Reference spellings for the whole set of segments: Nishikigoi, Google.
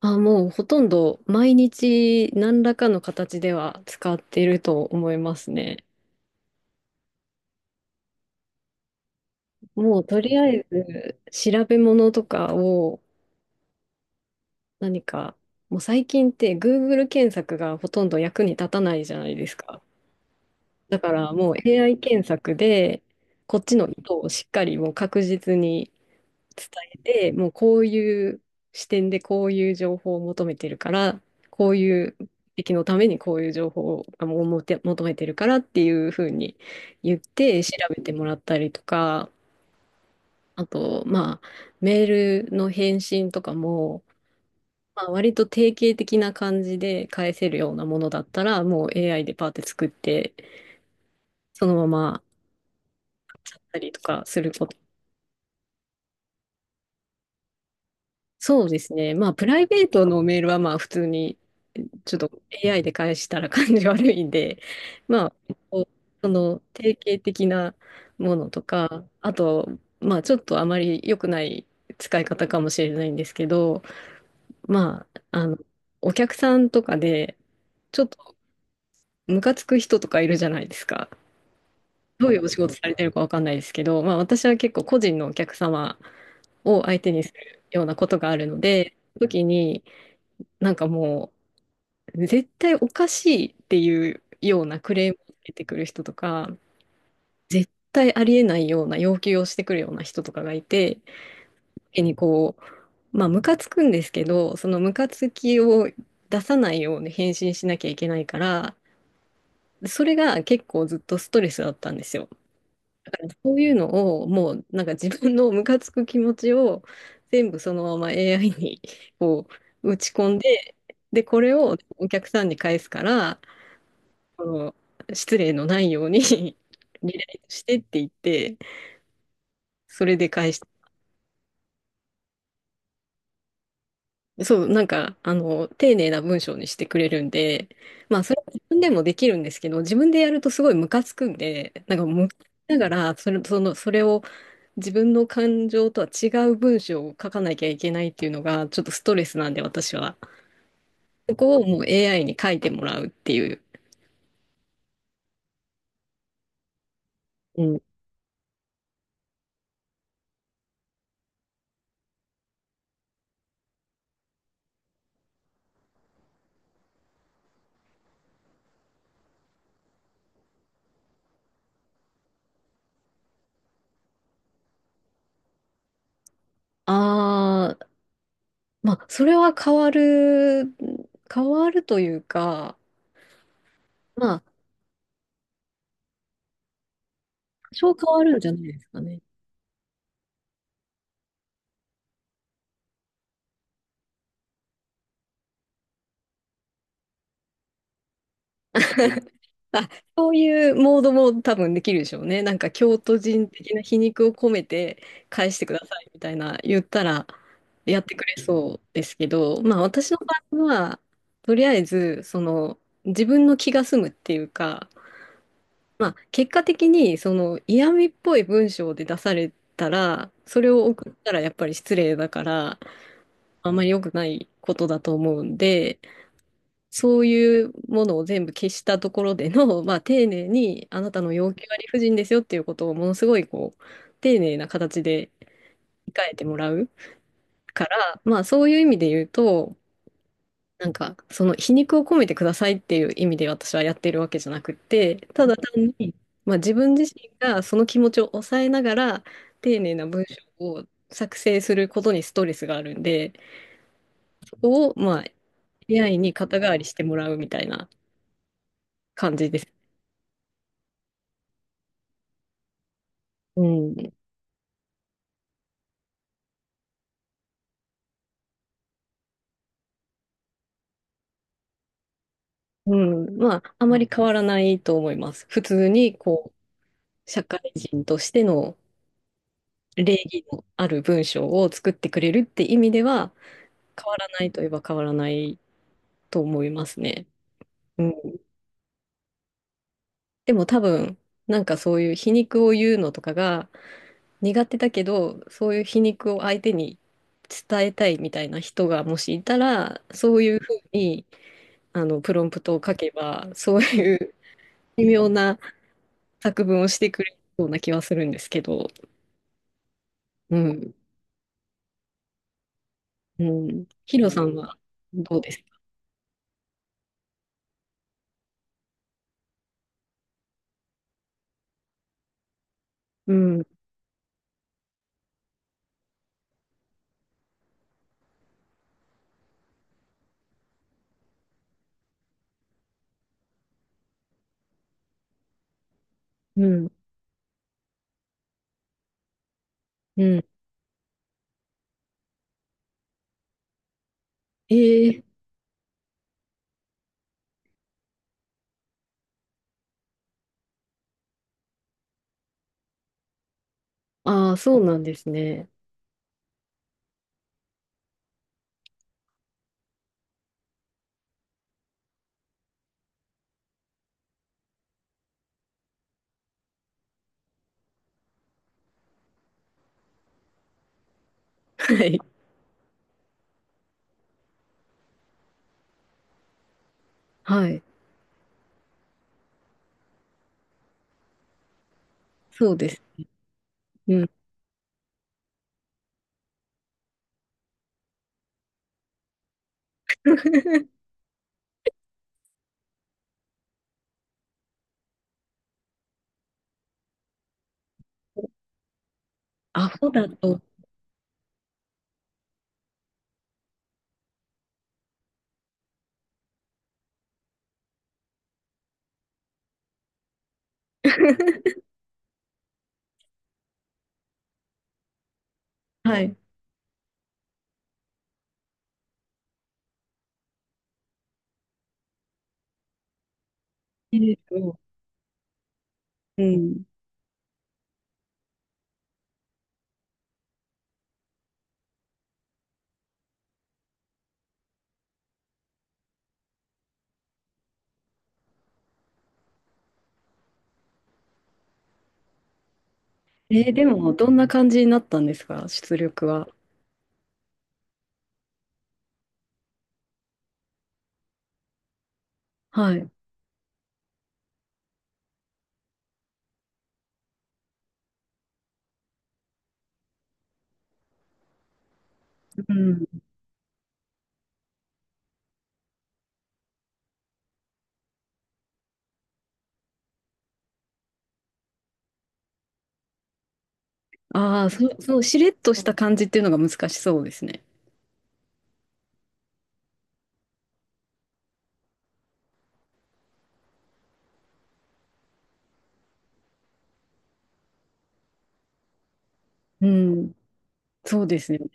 あ、もうほとんど毎日何らかの形では使っていると思いますね。もうとりあえず調べ物とかを何か、もう最近って Google 検索がほとんど役に立たないじゃないですか。だからもう AI 検索でこっちの意図をしっかりもう確実に伝えて、もうこういう視点でこういう情報を求めてるから、こういう目的のためにこういう情報をあもうもて求めてるからっていうふうに言って調べてもらったりとか、あと、まあ、メールの返信とかも、まあ、割と定型的な感じで返せるようなものだったら、もう AI でパーって作って、そのままやったりとかすること。そうですね。まあ、プライベートのメールはまあ、普通に、ちょっと AI で返したら感じ悪いんで、まあ、こうその定型的なものとか、あと、まあ、ちょっとあまり良くない使い方かもしれないんですけど、まあ、お客さんとかで、ちょっとムカつく人とかいるじゃないですか。どういうお仕事されてるかわかんないですけど、まあ、私は結構個人のお客様を相手にするようなことがあるので、時に、なんかもう、絶対おかしいっていうようなクレームを出てくる人とか、絶対ありえないような要求をしてくるような人とかがいて、手にこう、まあ、ムカつくんですけど、そのムカつきを出さないように返信しなきゃいけないから、それが結構ずっとストレスだったんですよ。だからそういうのを、もうなんか自分のムカつく気持ちを全部そのまま AI にこう打ち込んで、で、これをお客さんに返すから、の失礼のないように リライトしてって言って、それで返して、そう、なんか、丁寧な文章にしてくれるんで、まあ、それは自分でもできるんですけど、自分でやるとすごいムカつくんで、なんか、むながら、それを自分の感情とは違う文章を書かなきゃいけないっていうのが、ちょっとストレスなんで、私は。そこをもう AI に書いてもらうっていう。うん。ああ、まあ、それは変わるというか、まあ、多少変わるんじゃないですかね。まあ、そういうモードも多分できるでしょうね。なんか京都人的な皮肉を込めて返してくださいみたいな言ったらやってくれそうですけど、まあ私の場合は、とりあえず、その自分の気が済むっていうか、まあ結果的にその嫌味っぽい文章で出されたら、それを送ったらやっぱり失礼だから、あんまり良くないことだと思うんで、そういうものを全部消したところでの、まあ、丁寧にあなたの要求は理不尽ですよっていうことをものすごいこう丁寧な形で控えてもらうから、まあ、そういう意味で言うとなんかその皮肉を込めてくださいっていう意味で私はやってるわけじゃなくってただ単に、まあ、自分自身がその気持ちを抑えながら丁寧な文章を作成することにストレスがあるんで、そこをまあ AI に肩代わりしてもらうみたいな感じです。うんうん、まあ、あまり変わらないと思います。普通に、こう、社会人としての礼儀のある文章を作ってくれるって意味では、変わらないといえば変わらないと思いますね。うん。でも多分、なんかそういう皮肉を言うのとかが苦手だけど、そういう皮肉を相手に伝えたいみたいな人がもしいたら、そういうふうに、プロンプトを書けば、そういう微妙な作文をしてくれそうな気はするんですけど、うん、うん。ヒロさんはどうですか？うん、うん、うん。えー、ああ、そうなんですね。はい、はい、そうです。うん。アホだと、はい。えーと、うん。でも、どんな感じになったんですか、出力は？はい。うん。ああ、そう、そう、しれっとした感じっていうのが難しそうですね。うん。そうですよね。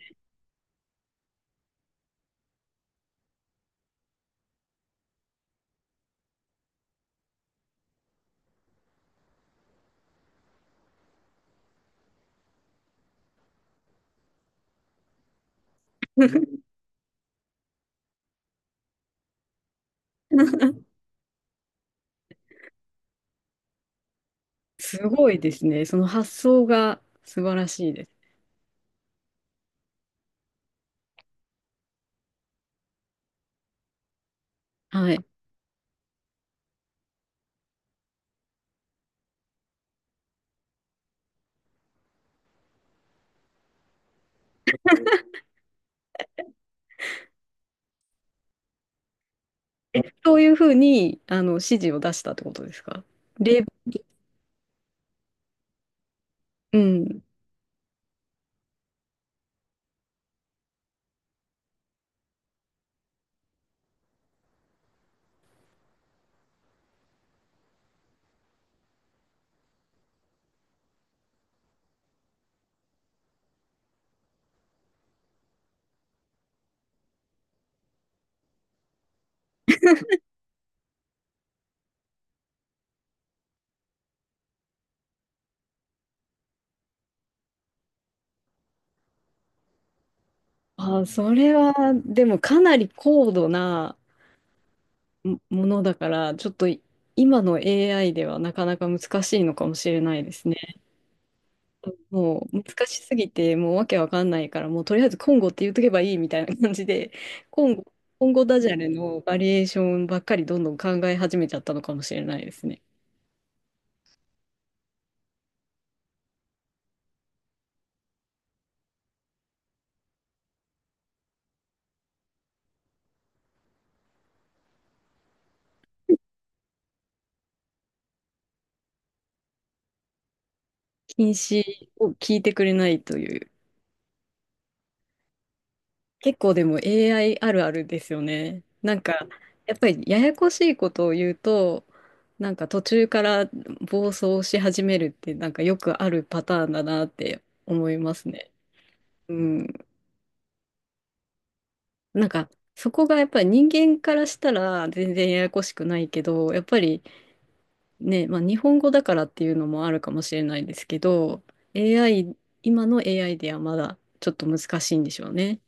すごいですね。その発想が素晴らしいです。はい。え、そういうふうに、指示を出したってことですか？例、うん。あ、それは、でもかなり高度なものだから、ちょっと今の AI ではなかなか難しいのかもしれないですね。もう難しすぎて、もうわけわかんないから、もうとりあえずコンゴって言っとけばいいみたいな感じで、コンゴ、コンゴダジャレのバリエーションばっかりどんどん考え始めちゃったのかもしれないですね。禁止を聞いてくれないという。結構でも AI あるあるですよね。なんか、やっぱりややこしいことを言うと、なんか途中から暴走し始めるってなんかよくあるパターンだなって思いますね。うん。なんか、そこがやっぱり人間からしたら全然ややこしくないけど、やっぱりね、まあ日本語だからっていうのもあるかもしれないですけど、AI、今の AI ではまだちょっと難しいんでしょうね。